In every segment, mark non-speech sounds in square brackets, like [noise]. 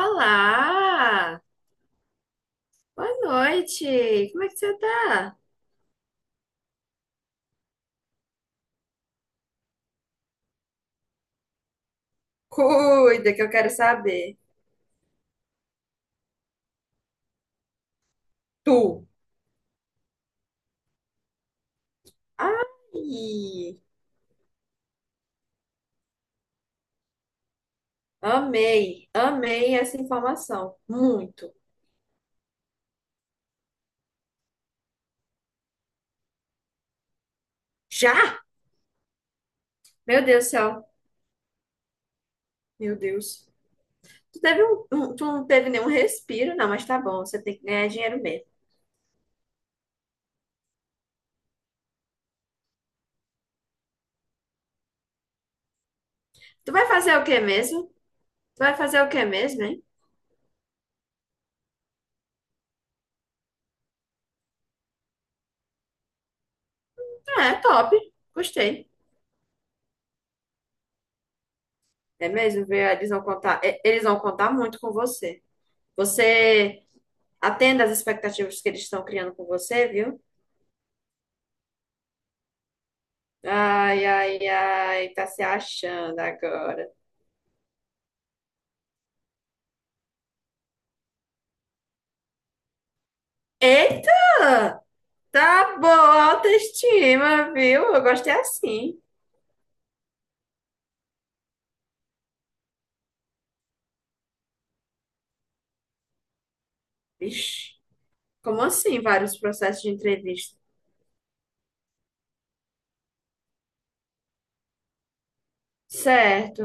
Olá! Boa noite! Como é que você tá? Cuida, que eu quero saber. Tu. Ai! Amei, amei essa informação. Muito. Já? Meu Deus do céu. Meu Deus. Tu não teve nenhum respiro, não, mas tá bom, você tem que ganhar dinheiro mesmo. Tu vai fazer o que mesmo? Tu vai fazer o que mesmo, hein? Ah, é top. Gostei. É mesmo, viu? Eles vão contar muito com você. Você Atenda às expectativas que eles estão criando com você, viu? Ai, ai, ai, tá se achando agora. Eita! Tá boa a autoestima, viu? Eu gostei assim. Vixe, como assim vários processos de entrevista? Certo,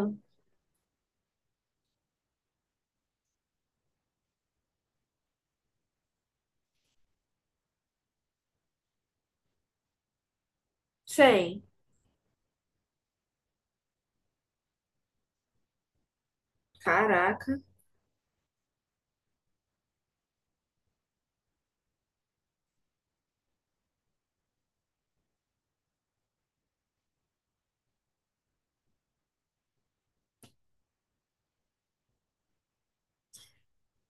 sei. Caraca.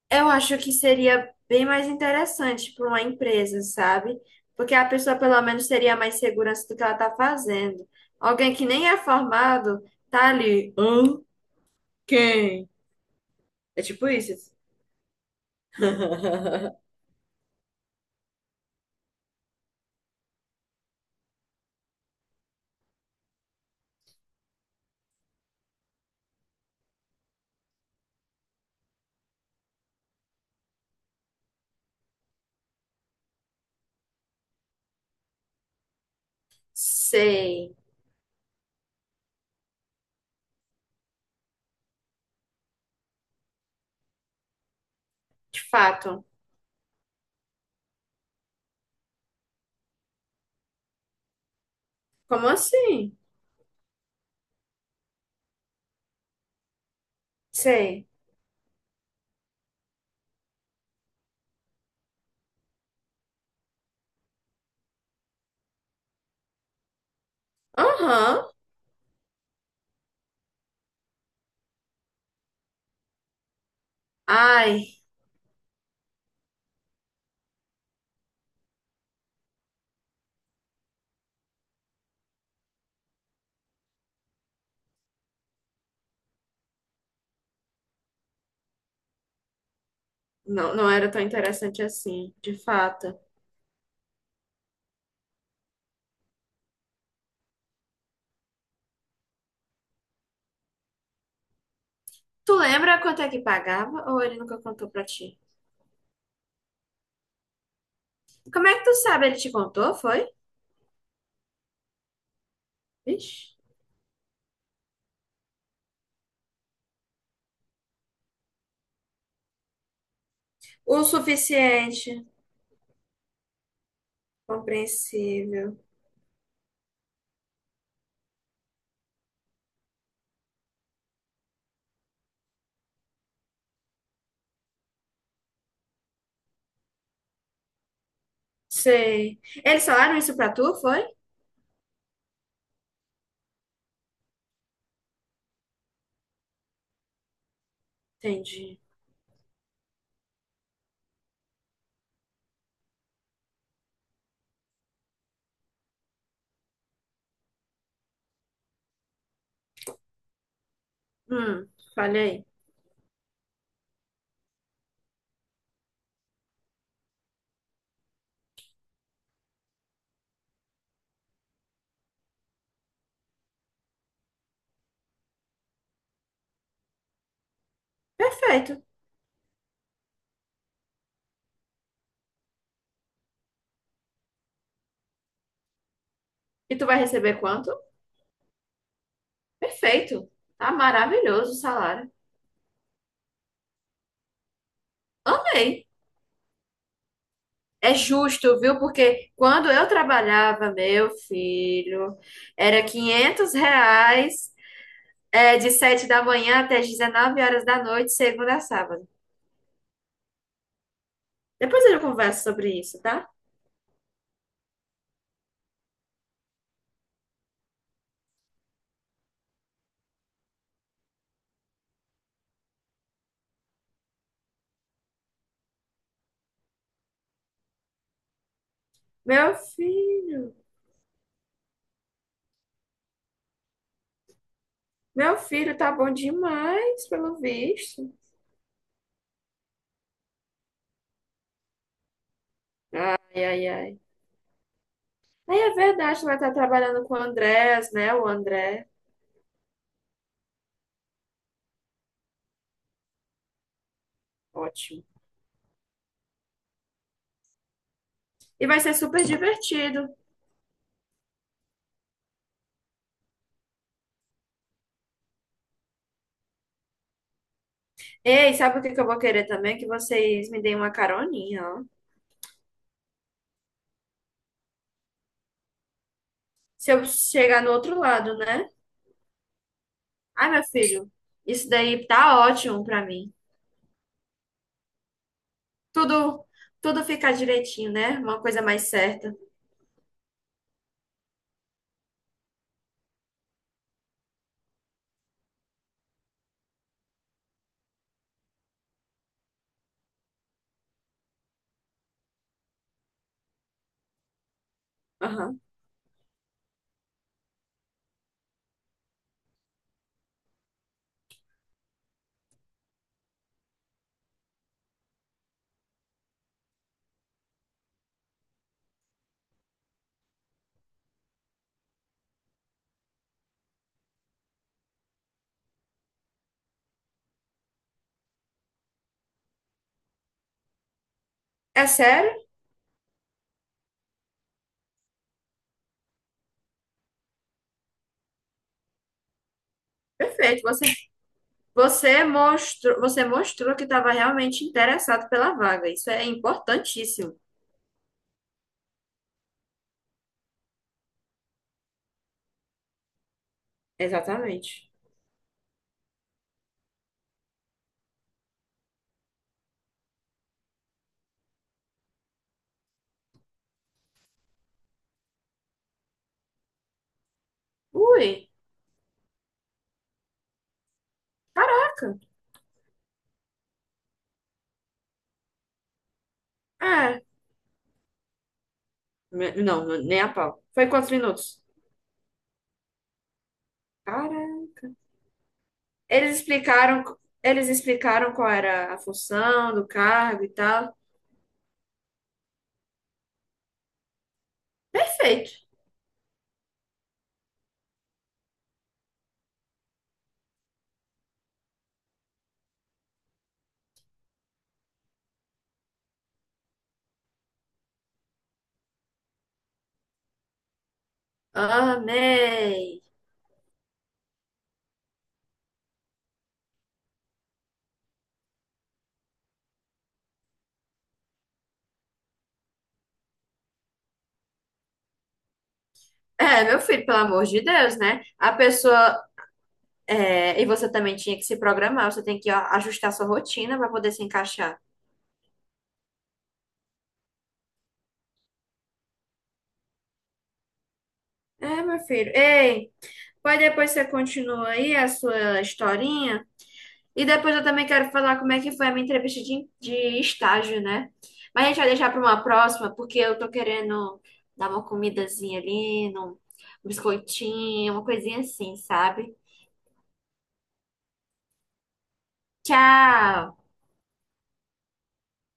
Eu acho que seria bem mais interessante para uma empresa, sabe? Porque a pessoa pelo menos teria mais segurança do que ela tá fazendo. Alguém que nem é formado tá ali. "Hã? Quem? É tipo isso. [laughs] Sei. De fato. Como assim? Sei. Aham. Ai, não, não era tão interessante assim, de fato. Tu lembra quanto é que pagava ou ele nunca contou pra ti? Como é que tu sabe? Ele te contou, foi? Ixi. O suficiente. Compreensível. Sei. Eles falaram isso pra tu, foi? Entendi. Hum, falei. Perfeito. E tu vai receber quanto? Perfeito. Tá maravilhoso o salário. Amei. É justo, viu? Porque quando eu trabalhava, meu filho, era 500 reais, é, de 7 da manhã até as 19 horas da noite, segunda a sábado. Depois eu converso sobre isso, tá? Meu filho, meu filho tá bom demais, pelo visto. Ai, ai, ai. Aí é verdade, vai estar trabalhando com o Andrés, né? O André. Ótimo. E vai ser super divertido. Ei, sabe o que que eu vou querer também? Que vocês me deem uma caroninha, ó. Se eu chegar no outro lado, né? Ai, meu filho, isso daí tá ótimo pra mim. Tudo, tudo fica direitinho, né? Uma coisa mais certa. Aham. É sério? Perfeito. Você mostrou que estava realmente interessado pela vaga. Isso é importantíssimo. Exatamente. Ui, caraca. É. Não, nem a pau. Foi quantos minutos? Caraca. Eles explicaram, eles explicaram qual era a função do cargo e tal. Perfeito. Amei. É, meu filho, pelo amor de Deus, né? A pessoa. É, e você também tinha que se programar, você tem que ó, ajustar sua rotina para poder se encaixar. É, meu filho. Ei, pode depois você continua aí a sua historinha? E depois eu também quero falar como é que foi a minha entrevista de estágio, né? Mas a gente vai deixar para uma próxima, porque eu tô querendo dar uma comidazinha ali, um biscoitinho, uma coisinha assim, sabe? Tchau!